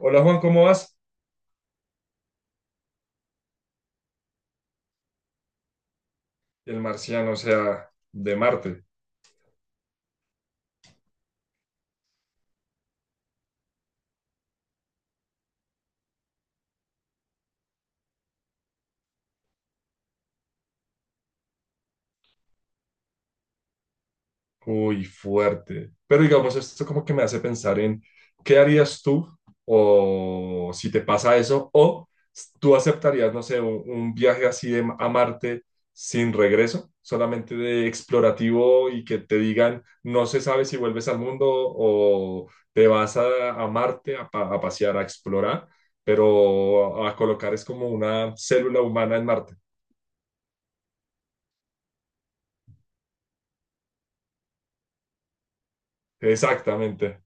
Hola Juan, ¿cómo vas? El marciano, o sea, de Marte. Uy, fuerte. Pero digamos, esto como que me hace pensar en qué harías tú o si te pasa eso o tú aceptarías, no sé, un viaje así de, a Marte sin regreso, solamente de explorativo y que te digan, no se sabe si vuelves al mundo o te vas a Marte a pasear, a explorar, pero a colocar es como una célula humana en Marte. Exactamente.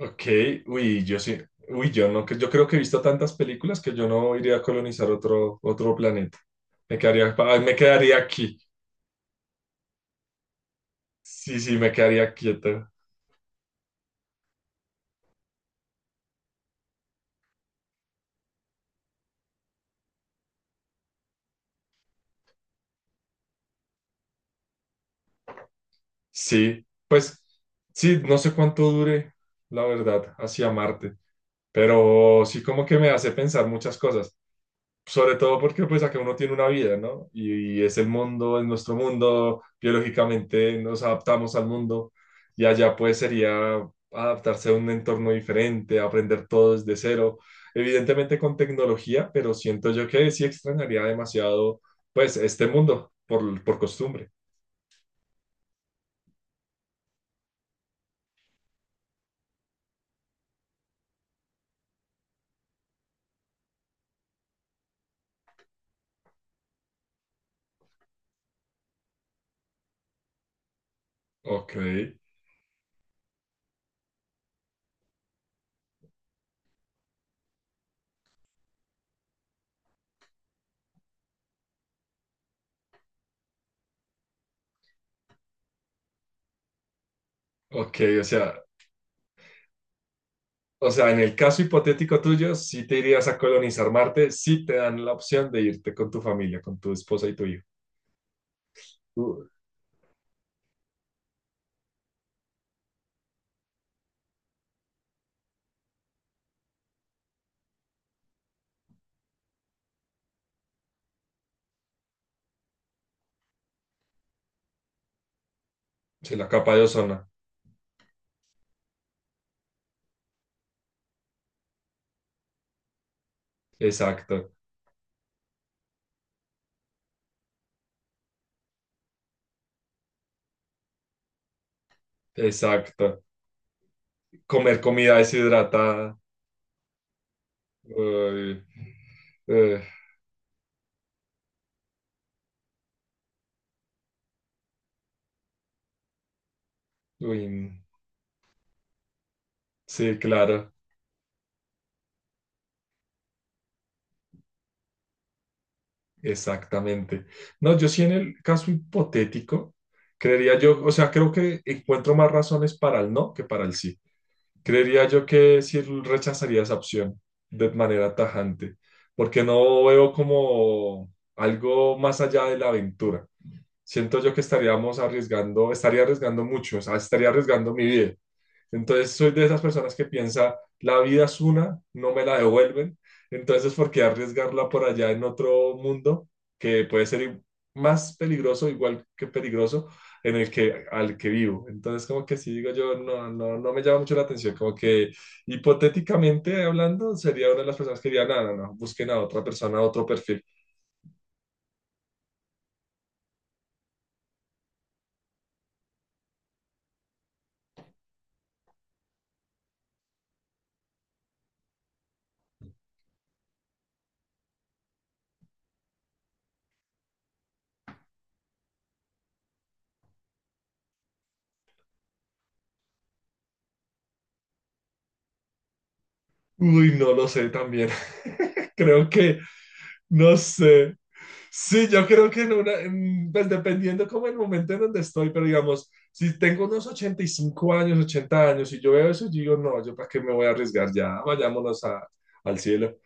Ok, uy, yo sí, uy, yo no, yo creo que he visto tantas películas que yo no iría a colonizar otro planeta. Me quedaría aquí. Sí, sí, me quedaría quieta. Sí, pues, sí, no sé cuánto dure, la verdad, hacia Marte, pero sí como que me hace pensar muchas cosas. Sobre todo porque pues acá uno tiene una vida, ¿no? Y es el mundo, es nuestro mundo, biológicamente nos adaptamos al mundo y allá pues sería adaptarse a un entorno diferente, aprender todo desde cero, evidentemente con tecnología, pero siento yo que sí extrañaría demasiado pues este mundo por costumbre. Ok, ok, o sea, en el caso hipotético tuyo, si te irías a colonizar Marte, si te dan la opción de irte con tu familia, con tu esposa y tu hijo. Uh, Sí, la capa de ozono. Exacto, exacto. Comer comida deshidratada. Uy, eh, uy, mm, sí, claro, exactamente. No, yo sí en el caso hipotético, creería yo, o sea, creo que encuentro más razones para el no que para el sí. Creería yo que sí rechazaría esa opción de manera tajante, porque no veo como algo más allá de la aventura. Siento yo que estaríamos arriesgando, estaría arriesgando mucho, o sea, estaría arriesgando mi vida. Entonces soy de esas personas que piensa, la vida es una, no me la devuelven, entonces ¿por qué arriesgarla por allá en otro mundo que puede ser más peligroso, igual que peligroso, en el que al que vivo? Entonces como que sí digo yo, no, no, no me llama mucho la atención, como que hipotéticamente hablando sería una de las personas que diría, no, no, no, busquen a otra persona, a otro perfil. Uy, no lo sé también. Creo que No sé. Sí, yo creo que en pues dependiendo como el momento en donde estoy, pero digamos, si tengo unos 85 años, 80 años y yo veo eso, yo digo, no, yo para qué me voy a arriesgar ya, vayámonos al cielo.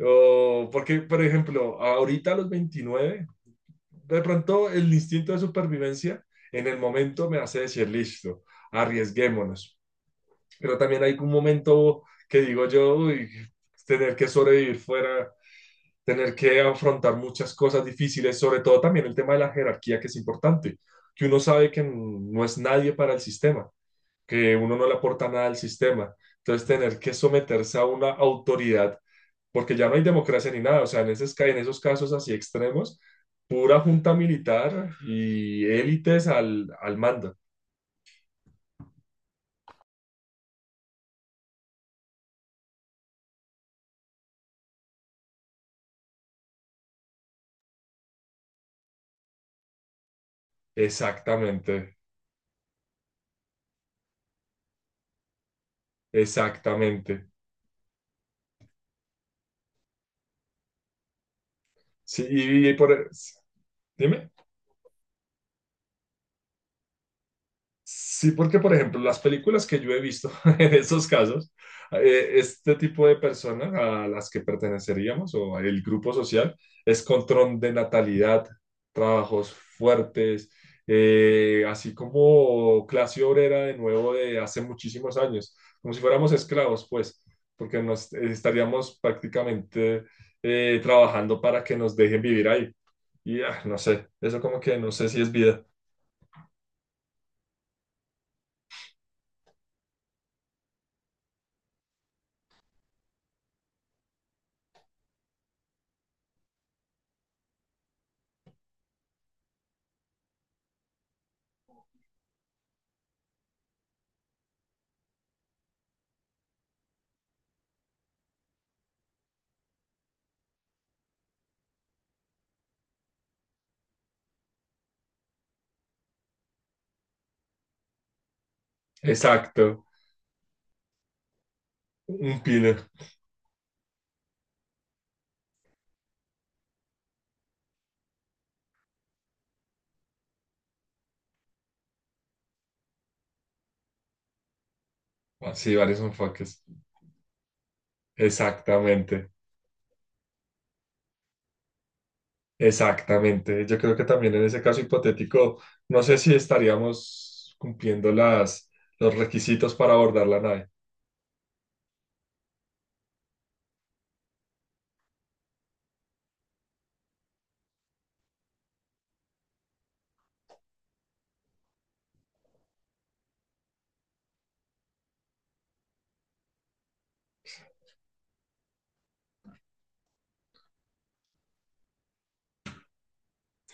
O porque, por ejemplo, ahorita a los 29 de pronto el instinto de supervivencia en el momento me hace decir, listo, arriesguémonos. Pero también hay un momento que digo yo, uy, tener que sobrevivir fuera tener que afrontar muchas cosas difíciles, sobre todo también el tema de la jerarquía, que es importante, que uno sabe que no es nadie para el sistema, que uno no le aporta nada al sistema. Entonces, tener que someterse a una autoridad, porque ya no hay democracia ni nada, o sea, en esos casos así extremos, pura junta militar y élites al mando. Exactamente, exactamente. Sí, y por. Dime. Sí, porque por ejemplo, las películas que yo he visto en esos casos, este tipo de personas a las que perteneceríamos o el grupo social es control de natalidad, trabajos fuertes, así como clase obrera de nuevo de hace muchísimos años, como si fuéramos esclavos, pues, porque nos estaríamos prácticamente trabajando para que nos dejen vivir ahí. Y no sé, eso como que no sé si es vida. Exacto, un pino. Ah, sí, varios enfoques. Exactamente, exactamente. Yo creo que también en ese caso hipotético, no sé si estaríamos cumpliendo los requisitos para abordar la nave.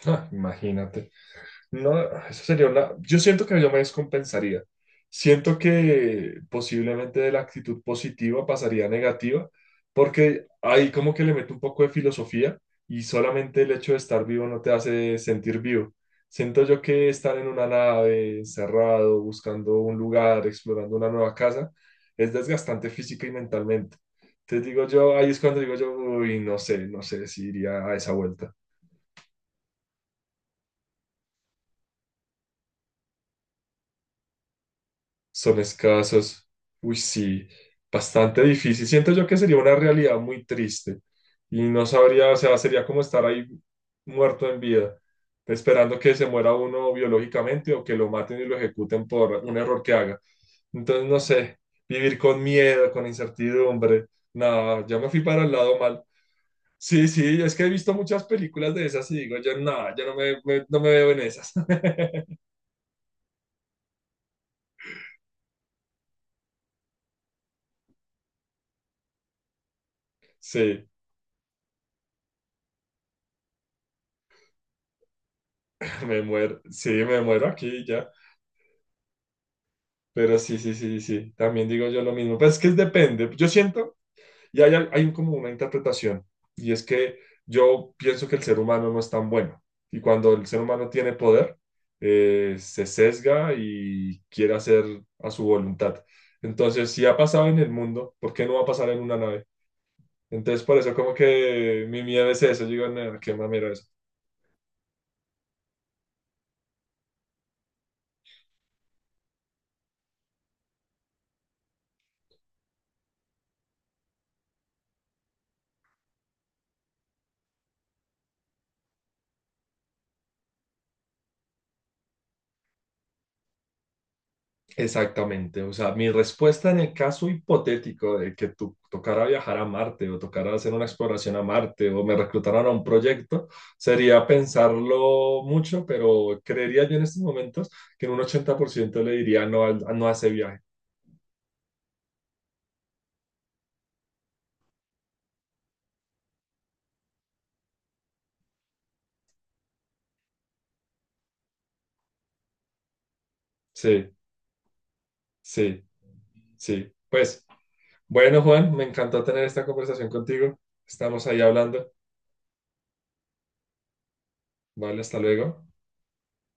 Ja, imagínate. No, eso sería una. Yo siento que yo me descompensaría. Siento que posiblemente de la actitud positiva pasaría a negativa, porque ahí como que le meto un poco de filosofía y solamente el hecho de estar vivo no te hace sentir vivo. Siento yo que estar en una nave, encerrado, buscando un lugar, explorando una nueva casa, es desgastante física y mentalmente. Entonces digo yo, ahí es cuando digo yo, uy, no sé si iría a esa vuelta. Son escasos. Uy, sí, bastante difícil. Siento yo que sería una realidad muy triste y no sabría, o sea, sería como estar ahí muerto en vida, esperando que se muera uno biológicamente o que lo maten y lo ejecuten por un error que haga. Entonces, no sé, vivir con miedo, con incertidumbre, nada, ya me fui para el lado mal. Sí, sí, es que he visto muchas películas de esas y digo, yo nada, yo no no me veo en esas. Sí, sí, me muero aquí ya. Pero sí, sí, sí, sí, también digo yo lo mismo. Pues es que es depende. Yo siento, hay como una interpretación, y es que yo pienso que el ser humano no es tan bueno. Y cuando el ser humano tiene poder, se sesga y quiere hacer a su voluntad. Entonces, si ha pasado en el mundo, ¿por qué no va a pasar en una nave? Entonces, por eso como que mi miedo es eso. Yo digo, no, qué mamera eso. Exactamente, o sea, mi respuesta en el caso hipotético de que tú tocara viajar a Marte o tocara hacer una exploración a Marte o me reclutaran a un proyecto sería pensarlo mucho, pero creería yo en estos momentos que en un 80% le diría no, no a ese viaje. Sí, sí, sí. Pues bueno, Juan, me encantó tener esta conversación contigo. Estamos ahí hablando. Vale, hasta luego.